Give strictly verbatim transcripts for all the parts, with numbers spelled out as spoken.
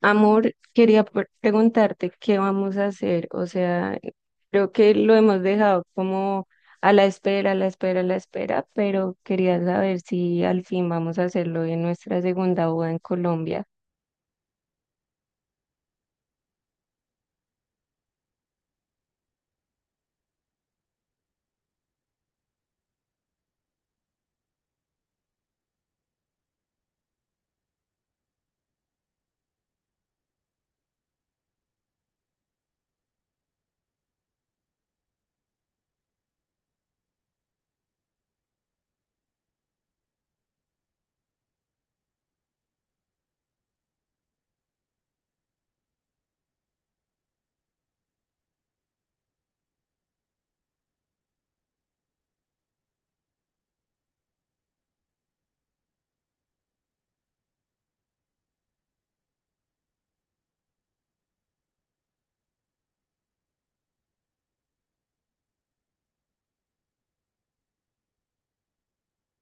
Amor, quería pre- preguntarte qué vamos a hacer. O sea, creo que lo hemos dejado como a la espera, a la espera, a la espera, pero quería saber si al fin vamos a hacerlo en nuestra segunda boda en Colombia.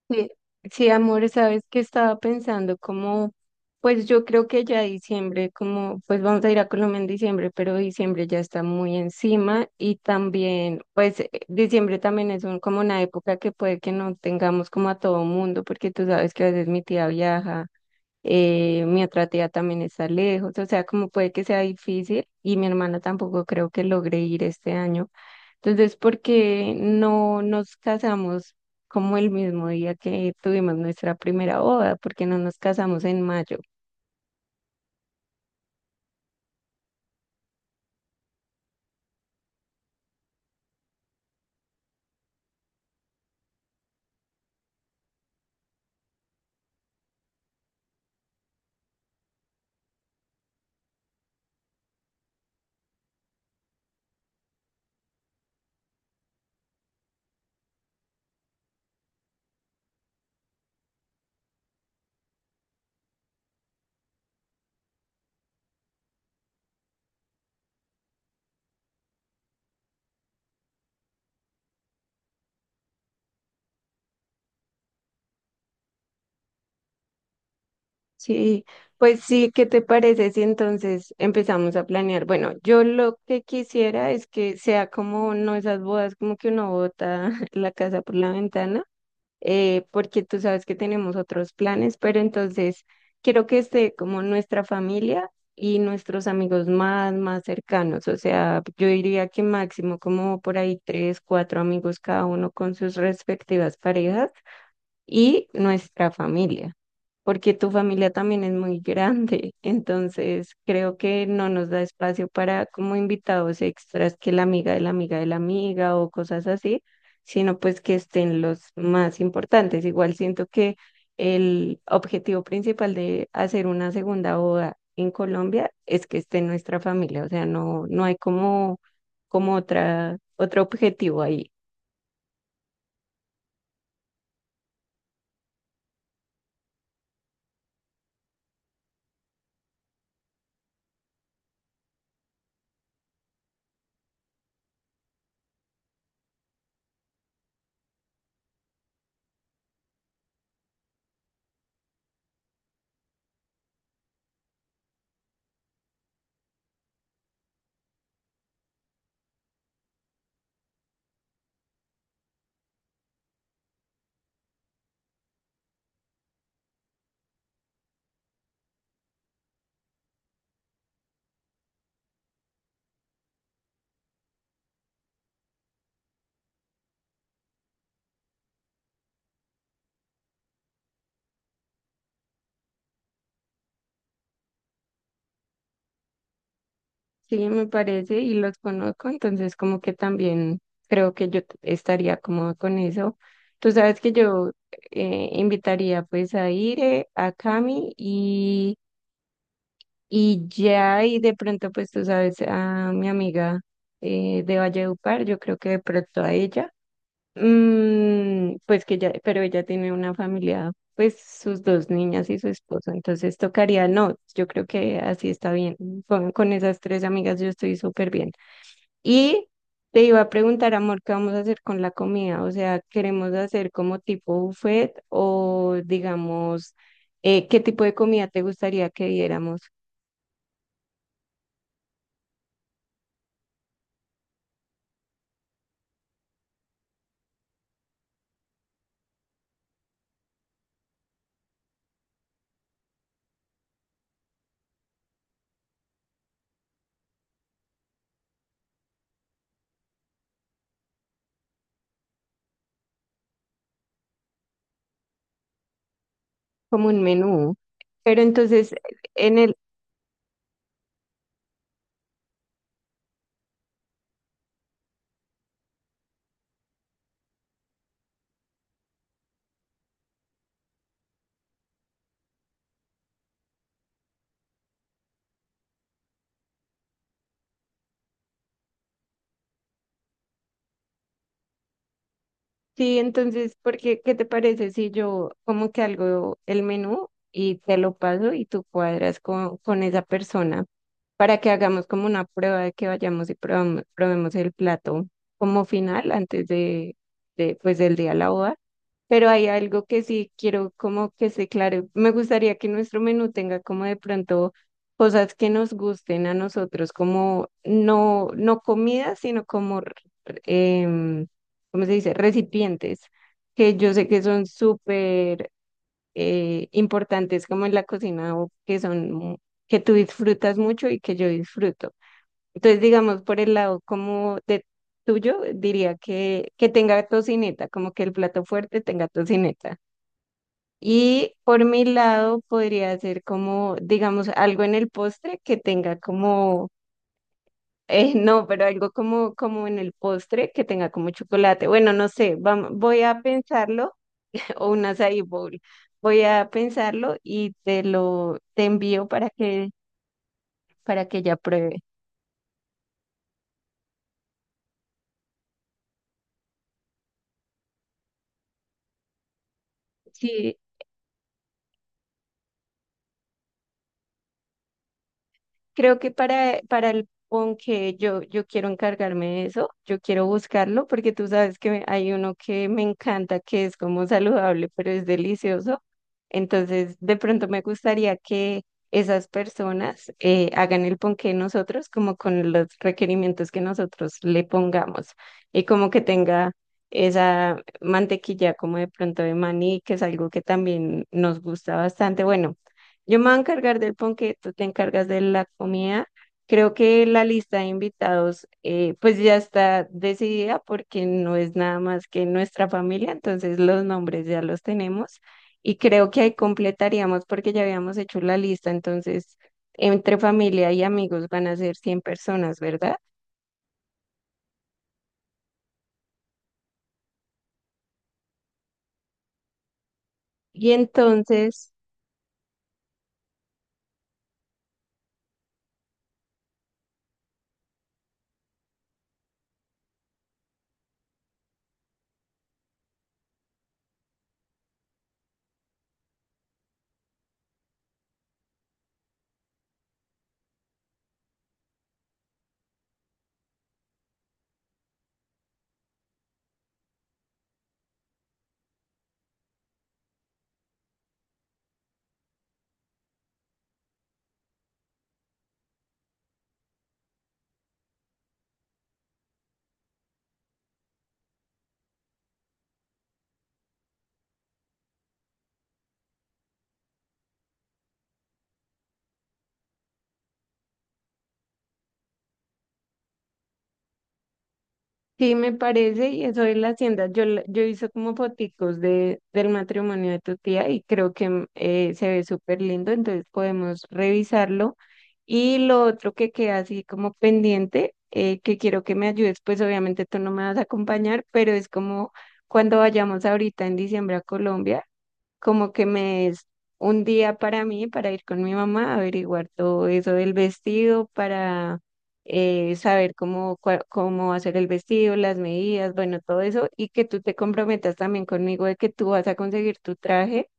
Sí, sí, amor, sabes que estaba pensando como, pues yo creo que ya diciembre, como, pues vamos a ir a Colombia en diciembre, pero diciembre ya está muy encima y también, pues eh, diciembre también es un, como una época que puede que no tengamos como a todo mundo, porque tú sabes que a veces mi tía viaja, eh, mi otra tía también está lejos. O sea, como puede que sea difícil y mi hermana tampoco creo que logre ir este año. Entonces, ¿por qué no nos casamos como el mismo día que tuvimos nuestra primera boda? ¿Por qué no nos casamos en mayo? Sí, pues sí, ¿qué te parece si entonces empezamos a planear? Bueno, yo lo que quisiera es que sea como no esas bodas como que uno bota la casa por la ventana, eh, porque tú sabes que tenemos otros planes, pero entonces quiero que esté como nuestra familia y nuestros amigos más, más cercanos. O sea, yo diría que máximo como por ahí tres, cuatro amigos cada uno con sus respectivas parejas y nuestra familia, porque tu familia también es muy grande, entonces creo que no nos da espacio para como invitados extras, que la amiga de la amiga de la amiga o cosas así, sino pues que estén los más importantes. Igual siento que el objetivo principal de hacer una segunda boda en Colombia es que esté nuestra familia. O sea, no, no hay como, como otra, otro objetivo ahí. Sí, me parece, y los conozco, entonces como que también creo que yo t- estaría cómoda con eso. Tú sabes que yo, eh, invitaría pues a Ire, a Cami y, y ya, y de pronto pues tú sabes a mi amiga, eh, de Valledupar, yo creo que de pronto a ella. Mm, pues que ya, pero ella tiene una familia, pues sus dos niñas y su esposo, entonces tocaría, no, yo creo que así está bien, con, con esas tres amigas yo estoy súper bien. Y te iba a preguntar, amor, ¿qué vamos a hacer con la comida? O sea, ¿queremos hacer como tipo buffet o digamos, eh, qué tipo de comida te gustaría que diéramos? Como un menú. Pero entonces, en Sí, entonces, porque, ¿qué te parece si yo como que algo el menú y te lo paso y tú cuadras con, con esa persona para que hagamos como una prueba de que vayamos y probamos, probemos el plato como final antes de, de pues del día de la boda? Pero hay algo que sí quiero como que se claro. Me gustaría que nuestro menú tenga como de pronto cosas que nos gusten a nosotros, como no, no comida, sino como em, ¿cómo se dice? Recipientes, que yo sé que son súper, eh, importantes como en la cocina, o que son, mu- que tú disfrutas mucho y que yo disfruto. Entonces, digamos, por el lado como de tuyo, diría que, que tenga tocineta, como que el plato fuerte tenga tocineta. Y por mi lado podría ser como, digamos, algo en el postre que tenga como... Eh, no, pero algo como, como en el postre que tenga como chocolate. Bueno, no sé, vam- voy a pensarlo o un açaí bowl. Voy a pensarlo y te lo te envío para que, para que ella pruebe. Sí, creo que para, para el ponqué yo, yo quiero encargarme de eso, yo quiero buscarlo porque tú sabes que hay uno que me encanta, que es como saludable, pero es delicioso. Entonces, de pronto me gustaría que esas personas, eh, hagan el ponqué nosotros, como con los requerimientos que nosotros le pongamos, y como que tenga esa mantequilla como de pronto de maní, que es algo que también nos gusta bastante. Bueno, yo me voy a encargar del ponqué, tú te encargas de la comida. Creo que la lista de invitados, eh, pues ya está decidida porque no es nada más que nuestra familia, entonces los nombres ya los tenemos y creo que ahí completaríamos porque ya habíamos hecho la lista. Entonces, entre familia y amigos van a ser cien personas, ¿verdad? Y entonces... Sí, me parece, y eso es la hacienda. Yo, la- yo hice como foticos de, del matrimonio de tu tía y creo que mm, eh, se ve súper lindo, entonces podemos revisarlo. Y lo otro que queda así como pendiente, eh, que quiero que me ayudes, pues obviamente tú no me vas a acompañar, pero es como cuando vayamos ahorita en diciembre a Colombia, como que me es un día para mí, para ir con mi mamá a averiguar todo eso del vestido, para, eh, saber cómo, cua- cómo hacer el vestido, las medidas, bueno, todo eso, y que tú te comprometas también conmigo de que tú vas a conseguir tu traje.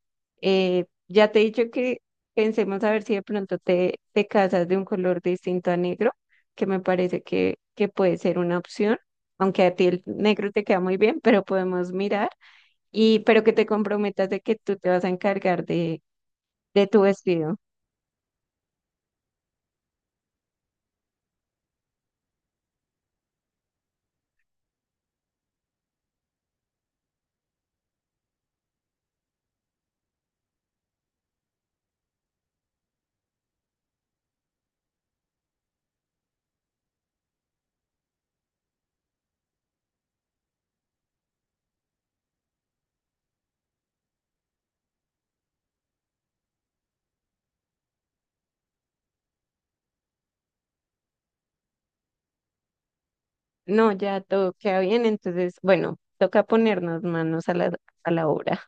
Eh, ya te he dicho que pensemos a ver si de pronto te, te casas de un color distinto a negro, que me parece que, que puede ser una opción, aunque a ti el negro te queda muy bien, pero podemos mirar, y pero que te comprometas de que tú te vas a encargar de, de tu vestido. No, ya todo queda bien, entonces, bueno, toca ponernos manos a la, a la obra.